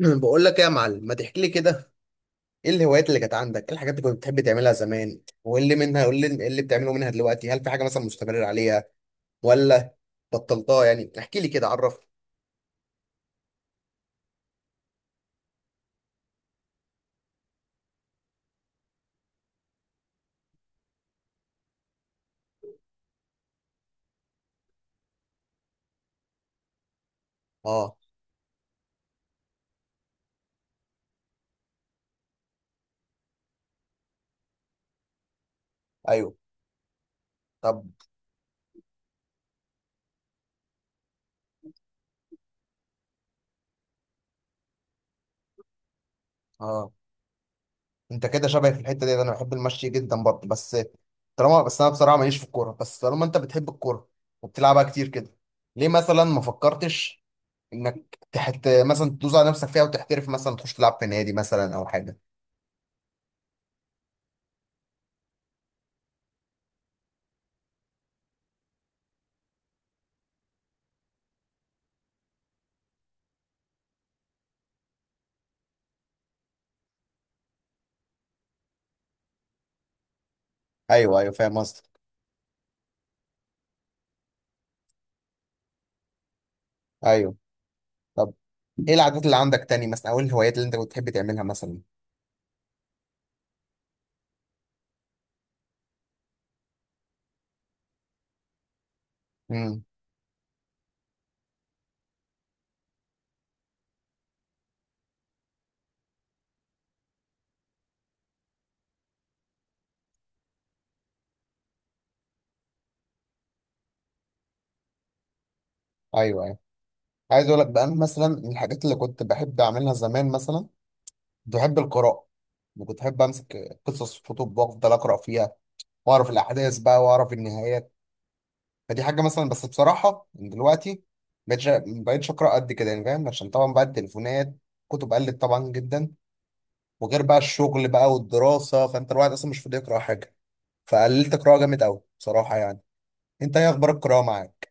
أنا بقول لك ايه يا معلم، ما تحكي لي كده. ايه الهوايات اللي كانت عندك، ايه الحاجات اللي كنت بتحب تعملها زمان، وايه اللي منها وايه اللي إيه اللي بتعمله منها دلوقتي؟ هل في حاجه مثلا مستمر عليها ولا بطلتها؟ يعني احكي لي كده، عرفني. اه. ايوه. طب. اه، انت كده شبهي في الحته دي، انا بحب المشي جدا برضه. بس انا بصراحه ماليش في الكوره، بس طالما انت بتحب الكوره وبتلعبها كتير كده، ليه مثلا ما فكرتش انك تحت مثلا تدوس على نفسك فيها وتحترف، مثلا تخش تلعب في نادي مثلا او حاجه؟ ايوه ايوه، فاهم قصدك. ايوه. طب ايه العادات اللي عندك تاني مثلا، او إيه الهوايات اللي انت كنت بتحب تعملها مثلا؟ امم. ايوه ايوه، عايز اقول لك بقى، انا مثلا من الحاجات اللي كنت بحب اعملها زمان مثلا، كنت بحب القراءه. وكنت بحب امسك قصص كتب وافضل اقرا فيها واعرف الاحداث بقى واعرف النهايات. فدي حاجه مثلا، بس بصراحه من دلوقتي مبقتش اقرا قد كده، يعني فاهم؟ عشان طبعا بقى التليفونات، كتب قلت طبعا جدا، وغير بقى الشغل بقى والدراسه، فانت الواحد اصلا مش فاضي يقرا حاجه. فقللت قراءه جامد قوي بصراحه يعني. انت ايه اخبار القراءه معاك؟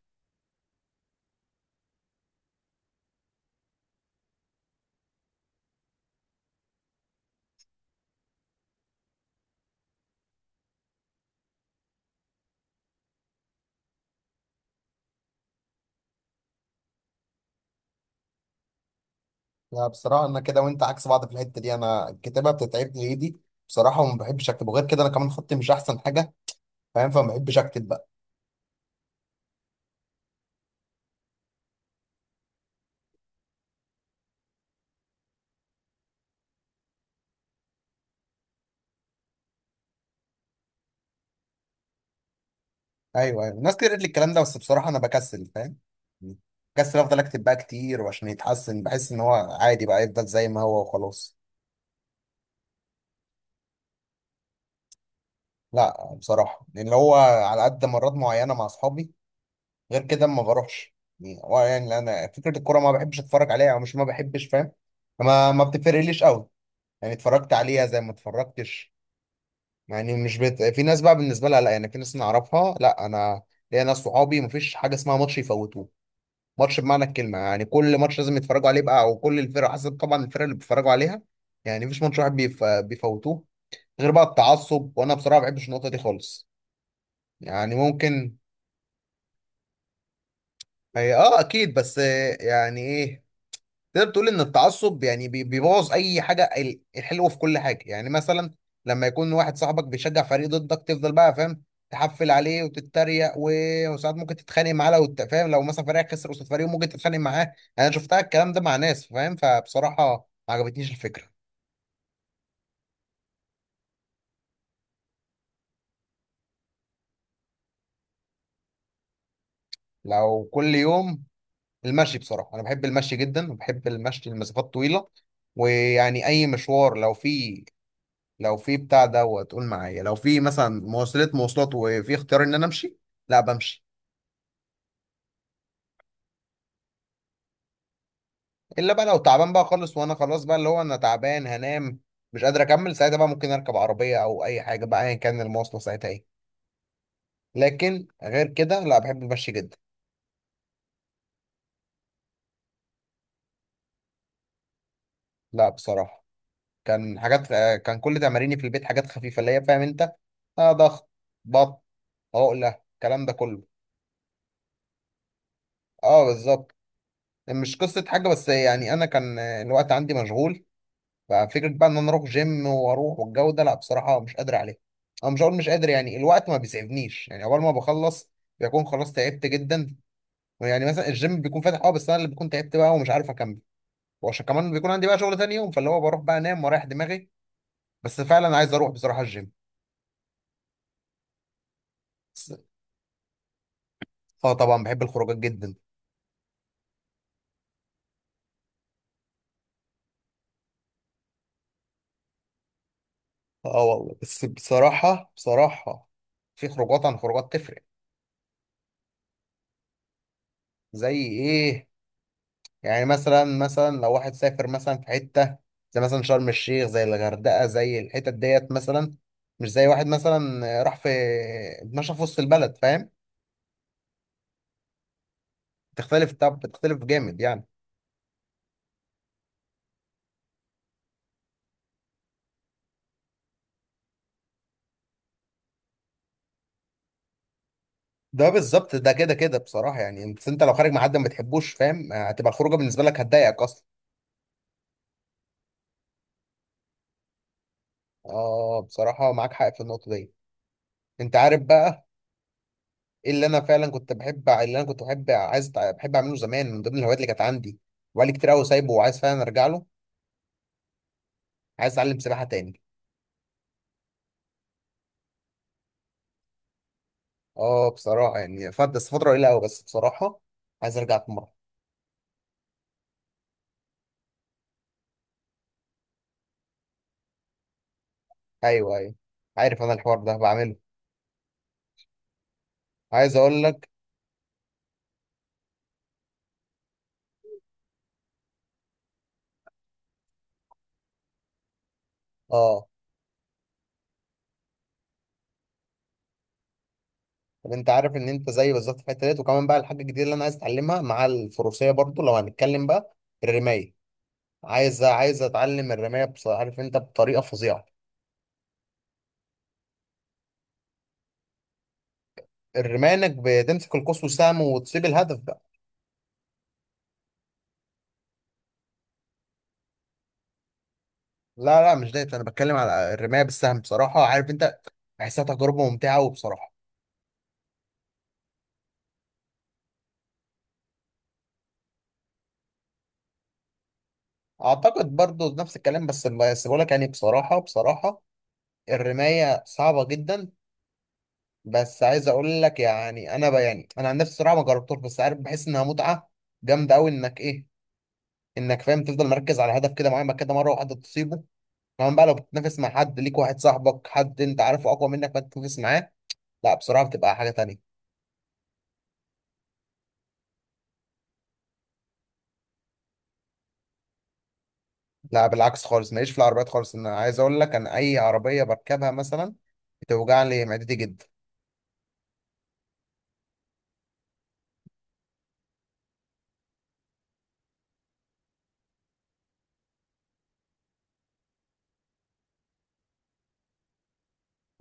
لا، بصراحة أنا كده وأنت عكس بعض في الحتة دي، أنا الكتابة بتتعب لي إيدي بصراحة، وما بحبش أكتب، وغير كده أنا كمان خطي مش أحسن حاجة فاهم؟ فما بحبش أكتب بقى. أيوه أيوه، ناس كتير قالت لي الكلام ده، بس بصراحة أنا بكسل فاهم؟ بكسل أفضل أكتب بقى كتير وعشان يتحسن، بحس إن هو عادي بقى يفضل زي ما هو وخلاص. لا، بصراحة لأن هو على قد مرات معينة مع أصحابي، غير كده ما بروحش. يعني هو يعني أنا فكرة الكورة ما بحبش أتفرج عليها، أو مش ما بحبش فاهم، ما بتفرقليش قوي. يعني اتفرجت عليها زي ما اتفرجتش. يعني مش بت... في ناس بقى بالنسبه لها لا، يعني في ناس نعرفها لا، انا ليا ناس صحابي مفيش حاجه اسمها ماتش يفوتوه. ماتش بمعنى الكلمه، يعني كل ماتش لازم يتفرجوا عليه بقى، او كل الفرق، حسب طبعا الفرق اللي بيتفرجوا عليها. يعني مفيش ماتش واحد بيفوتوه. غير بقى التعصب، وانا بصراحه ما بحبش النقطه دي خالص. يعني ممكن. هي اه اكيد، بس يعني ايه، تقدر تقول ان التعصب يعني بيبوظ اي حاجه الحلوه في كل حاجه. يعني مثلا لما يكون واحد صاحبك بيشجع فريق ضدك، تفضل بقى فاهم، تحفل عليه وتتريق، وساعات ممكن تتخانق معاه لو انت فاهم، لو مثلا فريقك خسر قصاد فريق ممكن تتخانق معاه يعني. انا شفتها الكلام ده مع ناس فاهم، فبصراحه ما عجبتنيش الفكره. لو كل يوم، المشي بصراحه. انا بحب المشي جدا وبحب المشي لمسافات طويله. ويعني اي مشوار لو فيه، لو في بتاع دوت قول معايا، لو في مثلا مواصلات وفي اختيار ان انا امشي، لا، بمشي. الا بقى لو تعبان بقى خالص، وانا خلاص بقى اللي هو انا تعبان هنام، مش قادر اكمل ساعتها بقى، ممكن اركب عربيه او اي حاجه بقى، ايا كان المواصله ساعتها ايه. لكن غير كده لا، بحب المشي جدا. لا بصراحه، كان حاجات، كان كل تماريني في البيت حاجات خفيفه اللي هي فاهم انت، آه، ضغط، بط عقله، الكلام ده كله. اه بالظبط. مش قصه حاجه، بس يعني انا كان الوقت عندي مشغول. ففكره بقى ان انا اروح جيم واروح والجو ده، لا بصراحه مش قادر عليه. انا مش هقول مش قادر، يعني الوقت ما بيسعفنيش، يعني اول ما بخلص بيكون خلاص تعبت جدا. يعني مثلا الجيم بيكون فاتح اه، بس انا اللي بكون تعبت بقى ومش عارف اكمل. وعشان كمان بيكون عندي بقى شغل تاني يوم، فاللي هو بروح بقى انام واريح دماغي. بس فعلا عايز اروح بصراحه الجيم. بس- اه طبعا، بحب الخروجات جدا. اه والله، بس بصراحه في خروجات عن خروجات تفرق. زي ايه؟ يعني مثلا لو واحد سافر مثلا في حتة زي مثلا شرم الشيخ، زي الغردقة، زي الحتت ديت مثلا. مش زي واحد مثلا راح في اتمشى في وسط البلد فاهم؟ تختلف، طب بتختلف جامد يعني. ده بالظبط، ده كده كده بصراحة، يعني انت انت لو خارج مع حد ما بتحبوش فاهم، هتبقى الخروجة بالنسبة لك هتضايقك اصلا. اه، بصراحة معاك حق في النقطة دي. انت عارف بقى ايه اللي انا فعلا كنت بحب؟ إيه اللي انا كنت بحب اعمله زمان من ضمن الهوايات اللي كانت عندي، وبقالي كتير قوي سايبه وعايز فعلا ارجع له. عايز اتعلم سباحة تاني. اه بصراحة، يعني فات بس فترة قليلة أوي، بس بصراحة عايز أرجع في مرة. أيوه أيوه، عارف أنا الحوار ده بعمله. عايز أقول لك. اه، طب أنت عارف إن أنت زي بالظبط في الحتة ديت؟ وكمان بقى الحاجة الجديدة اللي أنا عايز أتعلمها مع الفروسية برضو لو هنتكلم بقى، الرماية. عايز أتعلم الرماية. بص عارف أنت، بطريقة فظيعة. الرماية إنك بتمسك القوس والسهم وتصيب الهدف بقى. لا لا مش ده، أنا بتكلم على الرماية بالسهم. بصراحة عارف أنت، بحسها تجربة ممتعة وبصراحة. اعتقد برضو نفس الكلام، بس بقول لك يعني بصراحه، الرمايه صعبه جدا. بس عايز اقول لك، يعني انا يعني انا عن نفسي صراحه ما جربتوش، بس عارف بحس انها متعه جامده قوي، انك ايه، انك فاهم تفضل مركز على هدف كده معين، بعد كده مره واحده تصيبه. كمان بقى لو بتتنافس مع حد ليك، واحد صاحبك حد انت عارفه اقوى منك، فانت تتنافس معاه، لا بصراحه بتبقى حاجه تانية. لا بالعكس، خالص ماليش في العربيات خالص. انا عايز اقول لك، انا اي عربيه بركبها مثلا بتوجع لي معدتي جدا.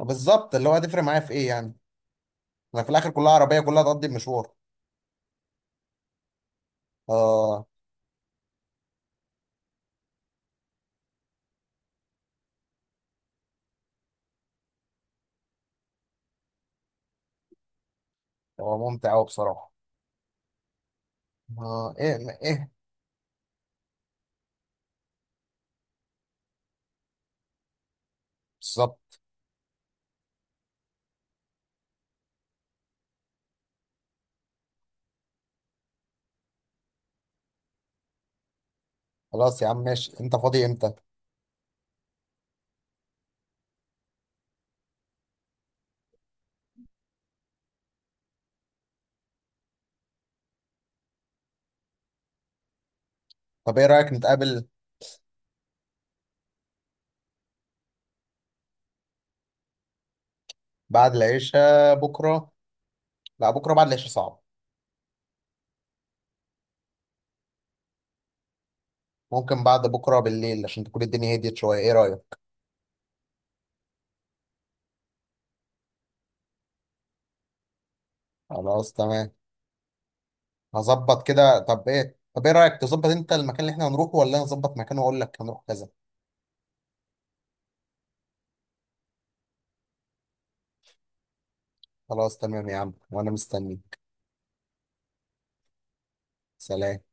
بالظبط، اللي هو هتفرق معايا في ايه يعني؟ انا في الاخر كلها عربيه، كلها تقضي المشوار. اه. هو ممتع قوي بصراحه. اه، ايه، ايه. بالظبط. خلاص يا عم ماشي، انت فاضي امتى؟ طب ايه رايك نتقابل بعد العشاء بكره؟ لا، بكره بعد العشاء صعب. ممكن بعد بكره بالليل، عشان تكون الدنيا هديت شويه. ايه رايك؟ خلاص تمام. هظبط كده. طب ايه، طب ايه رايك تظبط انت المكان اللي احنا هنروحه، ولا انا اظبط مكان واقول لك هنروح كذا؟ خلاص تمام يا عم، وانا مستنيك. سلام.